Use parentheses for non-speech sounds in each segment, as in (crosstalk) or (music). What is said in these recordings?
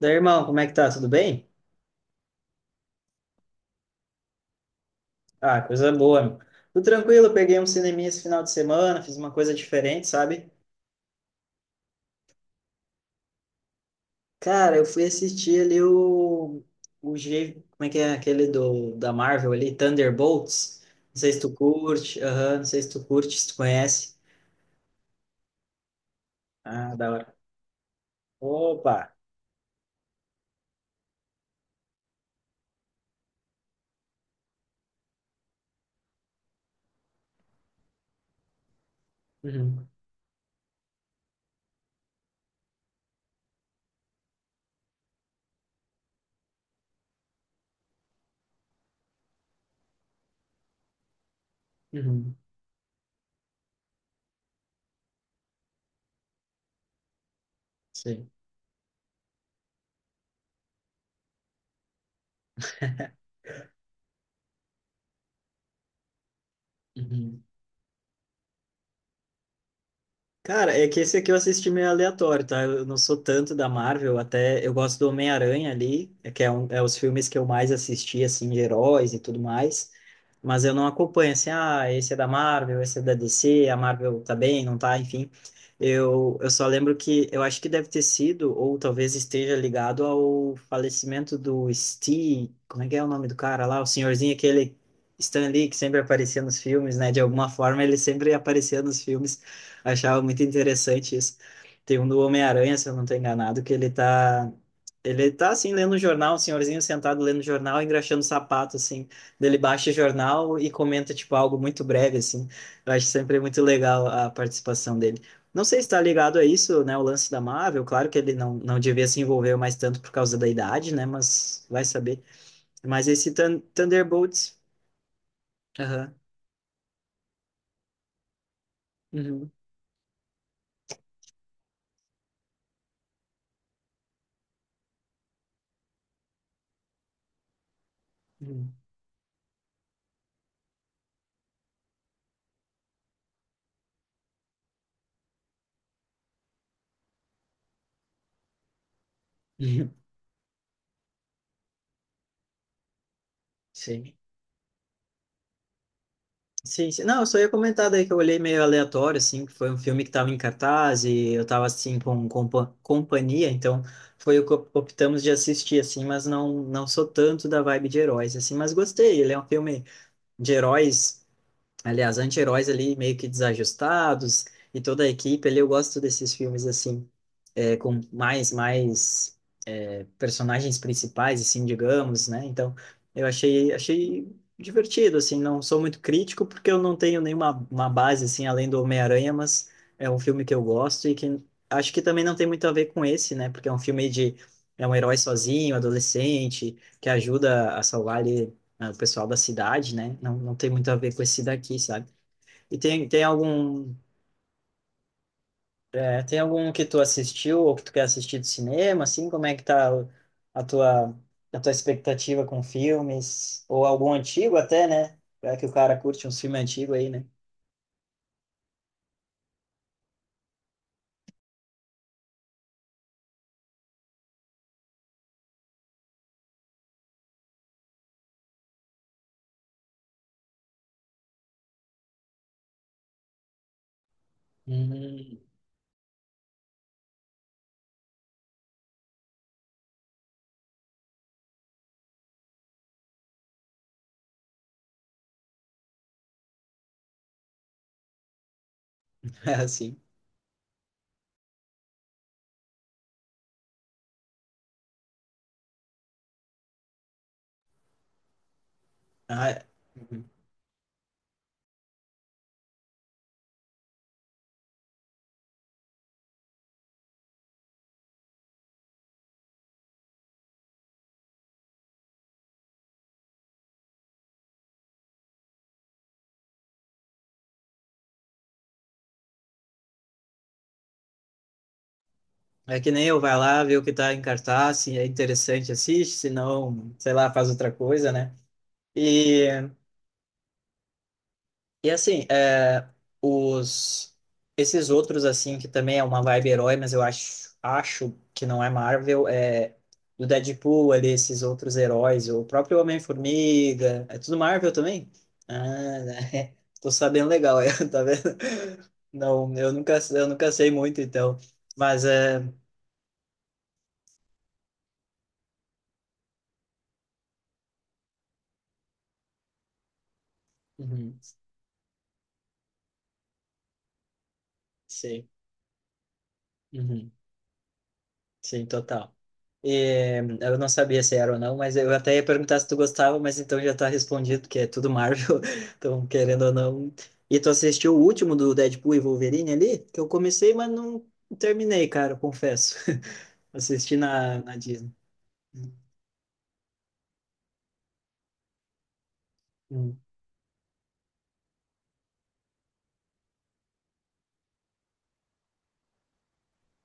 Daí, irmão, como é que tá? Tudo bem? Ah, coisa boa, meu. Tudo tranquilo, peguei um cineminha esse final de semana, fiz uma coisa diferente, sabe? Cara, eu fui assistir ali, como é que é aquele da Marvel ali, Thunderbolts. Não sei se tu curte, aham, não sei se tu curte, se tu conhece. Ah, da hora. Opa! Uhum, uhum, sim. Uhum. Cara, é que esse aqui eu assisti meio aleatório, tá? Eu não sou tanto da Marvel, até eu gosto do Homem-Aranha ali, é os filmes que eu mais assisti, assim, de heróis e tudo mais, mas eu não acompanho, assim, ah, esse é da Marvel, esse é da DC, a Marvel tá bem, não tá, enfim. Eu só lembro que eu acho que deve ter sido, ou talvez esteja ligado ao falecimento do Steve, como é que é o nome do cara lá? O senhorzinho aquele Stan Lee, que sempre aparecia nos filmes, né? De alguma forma ele sempre aparecia nos filmes. Achava muito interessante isso. Tem um do Homem-Aranha, se eu não estou enganado, que ele tá. Ele tá assim lendo o jornal, um senhorzinho sentado lendo o jornal, engraxando o sapato, assim. Daí ele baixa o jornal e comenta, tipo, algo muito breve, assim. Eu acho sempre muito legal a participação dele. Não sei se está ligado a isso, né? O lance da Marvel. Claro que ele não, não devia se envolver mais tanto por causa da idade, né? Mas vai saber. Mas esse Thunderbolts. Aham. Uhum. Uhum. (laughs) Sim. Sim, sim. Não, eu só ia comentar daí que eu olhei meio aleatório, assim, que foi um filme que tava em cartaz e eu tava, assim, com companhia, então foi o que optamos de assistir, assim, mas não, não sou tanto da vibe de heróis, assim, mas gostei. Ele é um filme de heróis, aliás, anti-heróis ali, meio que desajustados e toda a equipe ali, eu gosto desses filmes, assim, é, com mais personagens principais, assim, digamos, né? Então, eu achei divertido, assim, não sou muito crítico porque eu não tenho nenhuma uma base, assim, além do Homem-Aranha, mas é um filme que eu gosto e que acho que também não tem muito a ver com esse, né? Porque é um filme de... é um herói sozinho, adolescente, que ajuda a salvar ali, né, o pessoal da cidade, né? Não, não tem muito a ver com esse daqui, sabe? E tem algum que tu assistiu ou que tu quer assistir do cinema, assim? Como é que tá a tua, a tua expectativa com filmes? Ou algum antigo até, né? É que o cara curte uns filmes antigos aí, né? Hum. (laughs) É assim. Ah, é. Uhum. É que nem eu, vai lá, vê o que tá em cartaz, se é interessante, assiste, se não, sei lá, faz outra coisa, né? E E assim, é, os esses outros assim que também é uma vibe herói, mas eu acho que não é Marvel, é do Deadpool ali, esses outros heróis, o próprio Homem-Formiga, é tudo Marvel também? Ah, né? (laughs) Tô sabendo legal, (laughs) eu, tá vendo? Não, eu nunca sei muito então, mas é, uhum, sei. Uhum. Sim, total. E, eu não sabia se era ou não, mas eu até ia perguntar se tu gostava, mas então já tá respondido, que é tudo Marvel, (laughs) então querendo ou não. E tu assistiu o último do Deadpool e Wolverine ali? Que eu comecei, mas não terminei, cara, confesso. (laughs) Assisti na, na Disney. Uhum,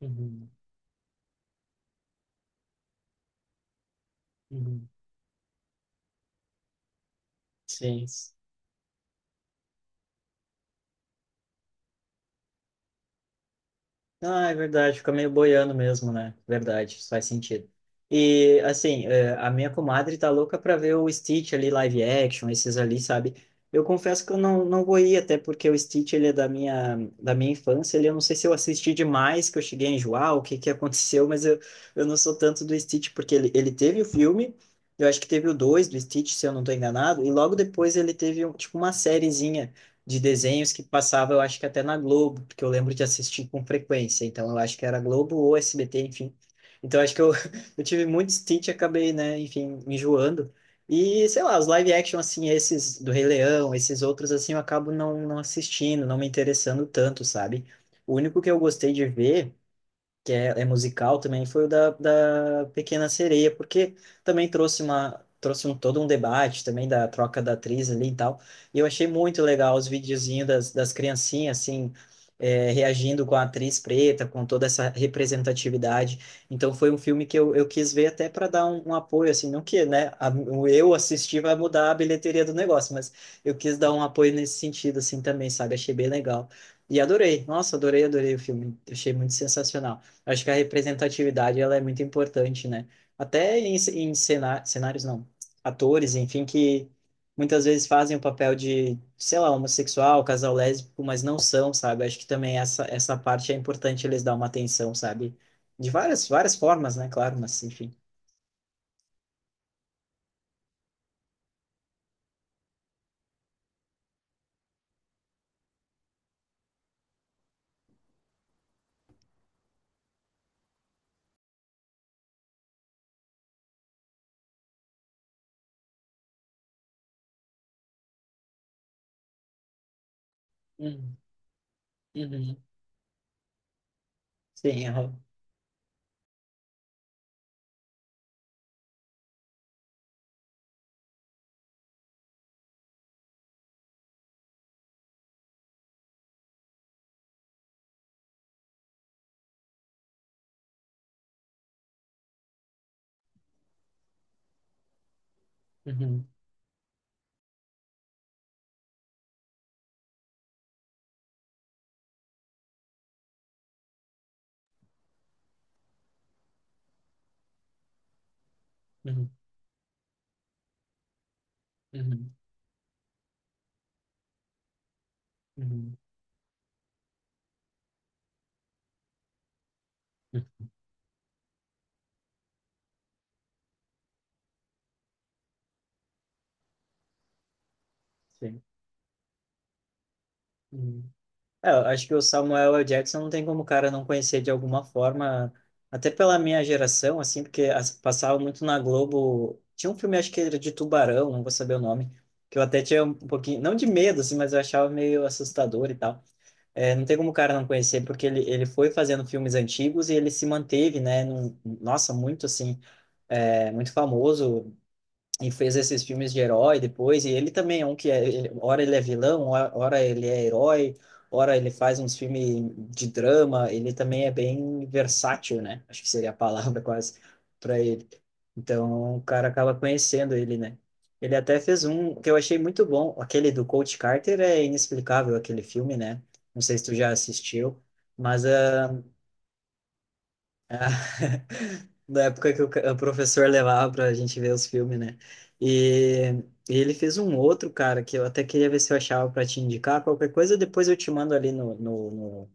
uhum, uhum. Sim. Ah, é verdade, fica meio boiando mesmo, né? Verdade, isso faz sentido. E, assim, é, a minha comadre tá louca pra ver o Stitch ali, live action, esses ali, sabe? Eu confesso que eu não, não vou ir, até porque o Stitch, ele é da minha infância, ele, eu não sei se eu assisti demais, que eu cheguei a enjoar, o que que aconteceu, mas eu não sou tanto do Stitch, porque ele teve o filme, eu acho que teve o 2 do Stitch, se eu não tô enganado, e logo depois ele teve, tipo, uma sériezinha, de desenhos que passava, eu acho que até na Globo, porque eu lembro de assistir com frequência. Então, eu acho que era Globo ou SBT, enfim. Então, acho que eu, (laughs) eu tive muito stint e acabei, né, enfim, me enjoando. E, sei lá, os live action, assim, esses do Rei Leão, esses outros, assim, eu acabo não, não assistindo, não me interessando tanto, sabe? O único que eu gostei de ver que é, é musical também, foi o da, da Pequena Sereia, porque também trouxe um todo um debate também da troca da atriz ali e tal. E eu achei muito legal os videozinhos das, das criancinhas, assim, é, reagindo com a atriz preta, com toda essa representatividade. Então foi um filme que eu quis ver até para dar um, um apoio, assim, não que, né, a, o eu assistir vai mudar a bilheteria do negócio, mas eu quis dar um apoio nesse sentido, assim, também, sabe? Achei bem legal. E adorei, nossa, adorei, adorei o filme, achei muito sensacional. Acho que a representatividade ela é muito importante, né? Até em, cenários, não, atores, enfim, que muitas vezes fazem o papel de, sei lá, homossexual, casal lésbico, mas não são, sabe? Acho que também essa parte é importante eles dar uma atenção, sabe? De várias, várias formas, né? Claro, mas enfim. Uhum, uhum. Sim, aham. Uhum, uhum, uhum, uhum, uhum, uhum, sim. Uhum. É, eu acho que o Samuel L. Jackson não tem como o cara não conhecer de alguma forma, até pela minha geração, assim, porque passava muito na Globo. Tinha um filme, acho que era de Tubarão, não vou saber o nome, que eu até tinha um pouquinho, não de medo, assim, mas eu achava meio assustador e tal. É, não tem como o cara não conhecer, porque ele foi fazendo filmes antigos e ele se manteve, né? Nossa, muito, assim, é, muito famoso e fez esses filmes de herói depois, e ele também é um que é, ele, ora ele é vilão, ora ele é herói, ora ele faz uns filmes de drama, ele também é bem versátil, né? Acho que seria a palavra (laughs) quase para ele. Então, o cara acaba conhecendo ele, né? Ele até fez um que eu achei muito bom, aquele do Coach Carter, é inexplicável aquele filme, né? Não sei se tu já assistiu, mas ah, ah, (laughs) da época que o professor levava pra gente ver os filmes, né? E, e ele fez um outro, cara, que eu até queria ver se eu achava pra te indicar. Qualquer coisa, depois eu te mando ali no, no,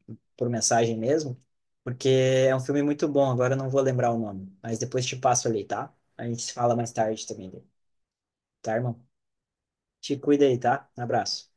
no- por mensagem mesmo, porque é um filme muito bom. Agora eu não vou lembrar o nome, mas depois te passo ali, tá? A gente se fala mais tarde também, tá, irmão? Te cuida aí, tá? Um abraço.